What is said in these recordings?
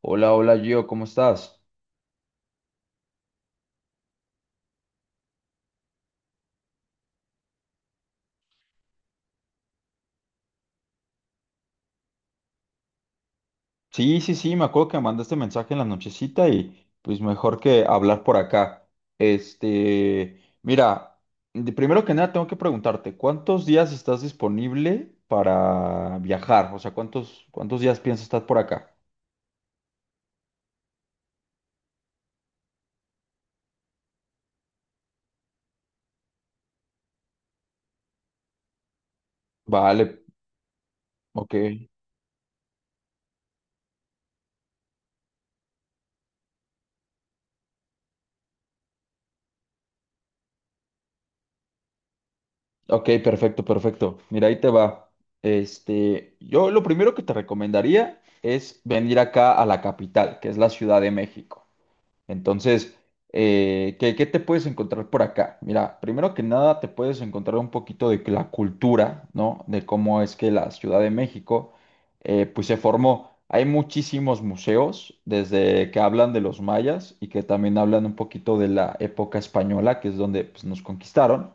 Hola, hola Gio, ¿cómo estás? Sí, sí, sí, me acuerdo que me mandaste mensaje en la nochecita y pues mejor que hablar por acá. Este, mira, Primero que nada tengo que preguntarte, ¿cuántos días estás disponible para viajar? O sea, ¿cuántos días piensas estar por acá? Vale, ok, ok, perfecto, perfecto. Mira, ahí te va. Yo lo primero que te recomendaría es venir acá a la capital, que es la Ciudad de México. Entonces, ¿qué te puedes encontrar por acá? Mira, primero que nada te puedes encontrar un poquito de la cultura, ¿no? De cómo es que la Ciudad de México, pues se formó. Hay muchísimos museos, desde que hablan de los mayas y que también hablan un poquito de la época española, que es donde, pues, nos conquistaron.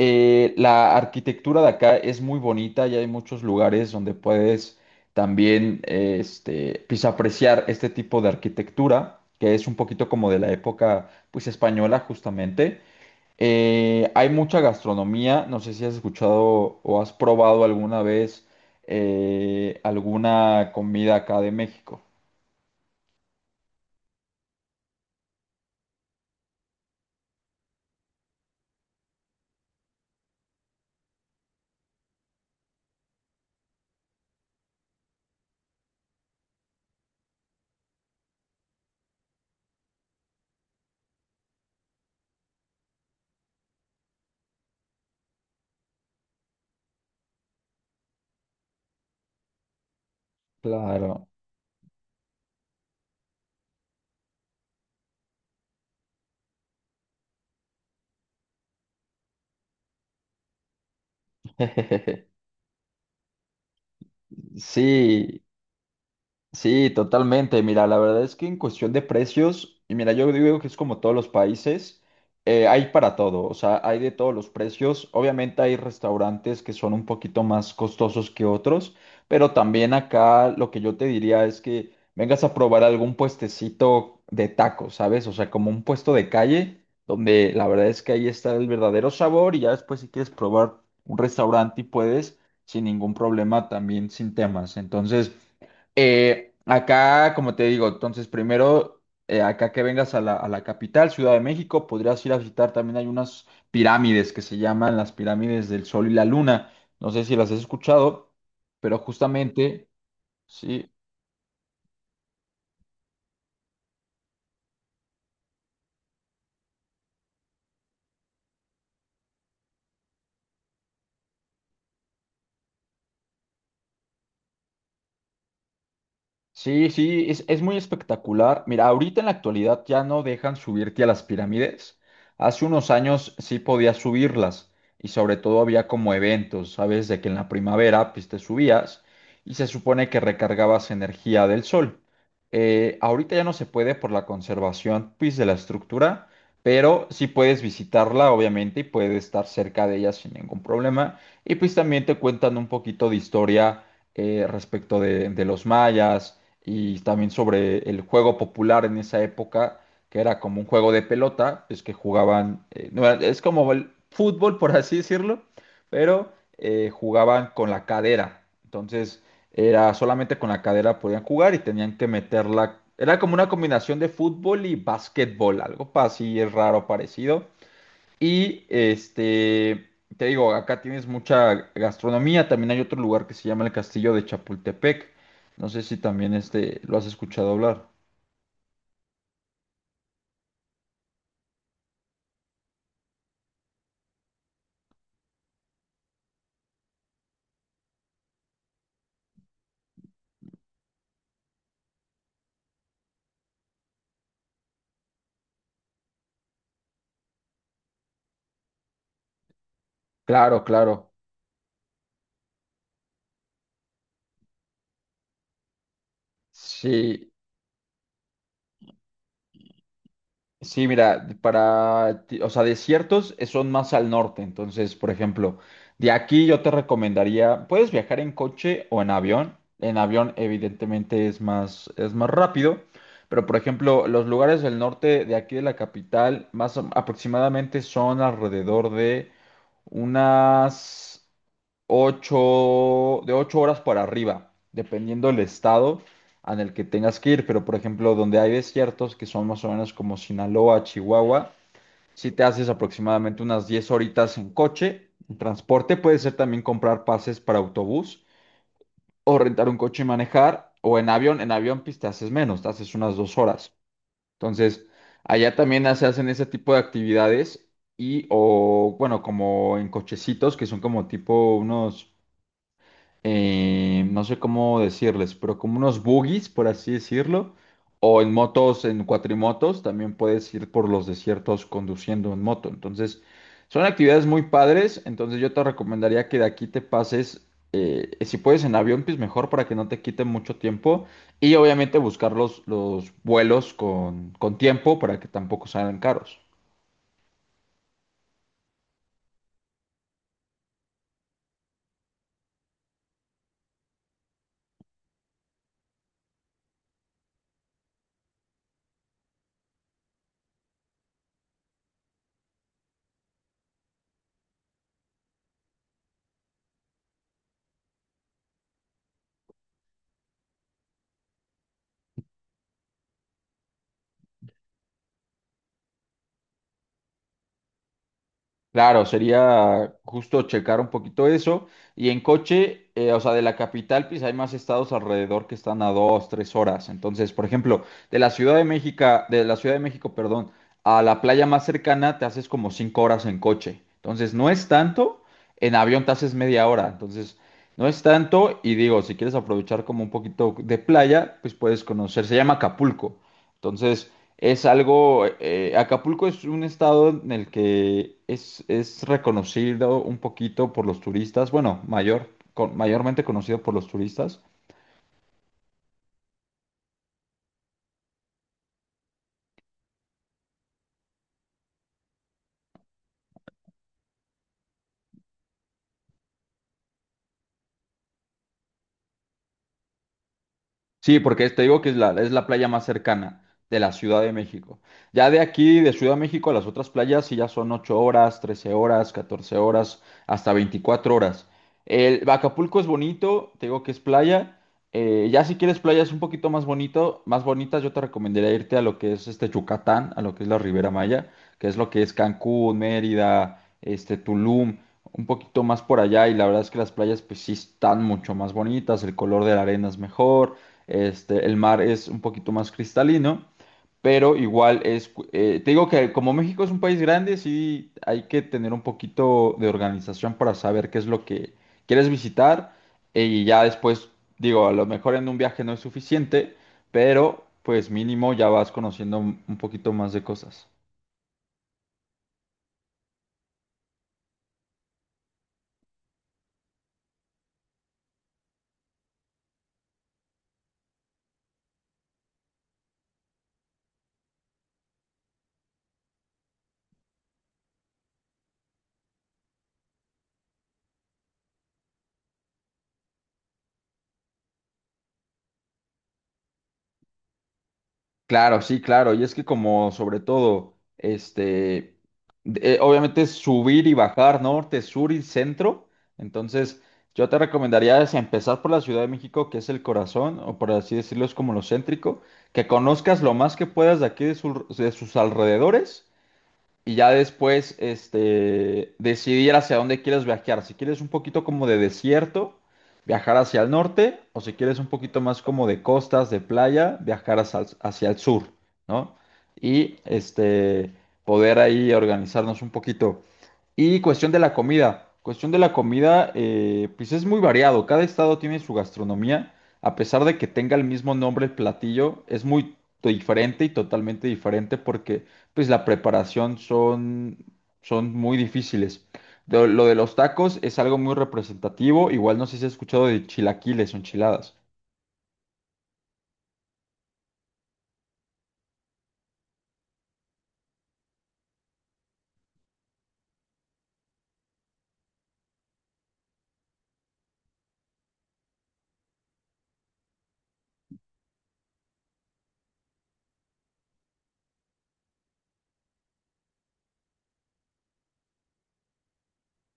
La arquitectura de acá es muy bonita y hay muchos lugares donde puedes también pues, apreciar este tipo de arquitectura, que es un poquito como de la época, pues, española justamente. Hay mucha gastronomía, no sé si has escuchado o has probado alguna vez alguna comida acá de México. Claro. Sí, sí, totalmente. Mira, la verdad es que en cuestión de precios, y mira, yo digo que es como todos los países, hay para todo, o sea, hay de todos los precios. Obviamente hay restaurantes que son un poquito más costosos que otros, pero también acá lo que yo te diría es que vengas a probar algún puestecito de tacos, ¿sabes? O sea, como un puesto de calle, donde la verdad es que ahí está el verdadero sabor, y ya después, si quieres probar un restaurante, y puedes sin ningún problema, también sin temas. Entonces... Acá, como te digo, entonces primero, acá que vengas a la capital, Ciudad de México, podrías ir a visitar. También hay unas pirámides que se llaman las pirámides del Sol y la Luna. No sé si las has escuchado, pero justamente, sí. Sí, sí, es muy espectacular. Mira, ahorita en la actualidad ya no dejan subirte a las pirámides. Hace unos años sí podías subirlas, y sobre todo había como eventos, ¿sabes? De que en la primavera pues te subías y se supone que recargabas energía del sol. Ahorita ya no se puede por la conservación pues de la estructura, pero sí puedes visitarla obviamente y puedes estar cerca de ella sin ningún problema. Y pues también te cuentan un poquito de historia respecto de los mayas, y también sobre el juego popular en esa época, que era como un juego de pelota, pues que jugaban, no, es como el fútbol, por así decirlo, pero jugaban con la cadera. Entonces, era solamente con la cadera podían jugar y tenían que meterla. Era como una combinación de fútbol y básquetbol, algo así, es raro parecido. Y te digo, acá tienes mucha gastronomía. También hay otro lugar que se llama el Castillo de Chapultepec. No sé si también este lo has escuchado hablar. Claro, claro. Sí. Sí, mira, o sea, desiertos, son más al norte. Entonces, por ejemplo, de aquí yo te recomendaría, puedes viajar en coche o en avión. En avión, evidentemente, es más rápido, pero por ejemplo, los lugares del norte de aquí de la capital, aproximadamente son alrededor de unas 8 horas para arriba, dependiendo del estado en el que tengas que ir. Pero, por ejemplo, donde hay desiertos, que son más o menos como Sinaloa, Chihuahua, si te haces aproximadamente unas 10 horitas en coche, en transporte, puede ser también comprar pases para autobús o rentar un coche y manejar, o en avión. En avión pues te haces menos, te haces unas 2 horas. Entonces, allá también se hacen ese tipo de actividades y, o bueno, como en cochecitos, que son como tipo unos, no sé cómo decirles, pero como unos buggies, por así decirlo, o en motos, en cuatrimotos, también puedes ir por los desiertos conduciendo en moto. Entonces, son actividades muy padres. Entonces, yo te recomendaría que de aquí te pases, si puedes, en avión, pues mejor, para que no te quite mucho tiempo y obviamente buscar los vuelos con tiempo para que tampoco salgan caros. Claro, sería justo checar un poquito eso. Y en coche, o sea, de la capital, pues hay más estados alrededor que están a dos, tres horas. Entonces, por ejemplo, de la Ciudad de México, de la Ciudad de México, perdón, a la playa más cercana te haces como 5 horas en coche. Entonces, no es tanto. En avión te haces media hora. Entonces, no es tanto. Y digo, si quieres aprovechar como un poquito de playa, pues puedes conocer. Se llama Acapulco. Entonces, es algo, Acapulco es un estado en el que es reconocido un poquito por los turistas, bueno, mayormente conocido por los turistas. Sí, porque te digo que es la playa más cercana de la Ciudad de México. Ya de aquí, de Ciudad de México, a las otras playas sí ya son 8 horas, 13 horas, 14 horas, hasta 24 horas. El Acapulco es bonito, te digo que es playa. Ya si quieres playas un poquito más bonito, más bonitas, yo te recomendaría irte a lo que es este Yucatán, a lo que es la Ribera Maya, que es lo que es Cancún, Mérida, este Tulum, un poquito más por allá, y la verdad es que las playas pues sí están mucho más bonitas, el color de la arena es mejor. Este, el mar es un poquito más cristalino, pero igual es, te digo que como México es un país grande, sí hay que tener un poquito de organización para saber qué es lo que quieres visitar, y ya después, digo, a lo mejor en un viaje no es suficiente, pero pues mínimo ya vas conociendo un poquito más de cosas. Claro, sí, claro. Y es que como sobre todo, obviamente es subir y bajar norte, sur y centro. Entonces, yo te recomendaría es empezar por la Ciudad de México, que es el corazón, o por así decirlo, es como lo céntrico, que conozcas lo más que puedas de aquí de, de sus alrededores, y ya después decidir hacia dónde quieres viajar. Si quieres un poquito como de desierto, viajar hacia el norte, o si quieres un poquito más como de costas, de playa, viajar hacia, hacia el sur, ¿no? Y poder ahí organizarnos un poquito. Y cuestión de la comida. Cuestión de la comida, pues es muy variado. Cada estado tiene su gastronomía. A pesar de que tenga el mismo nombre el platillo, es muy diferente, y totalmente diferente porque pues la preparación son muy difíciles. Lo de los tacos es algo muy representativo. Igual no sé si has escuchado de chilaquiles o enchiladas.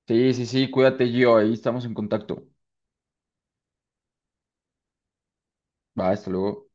Sí, sí, sí, cuídate, Gio. Ahí estamos en contacto. Va, hasta luego.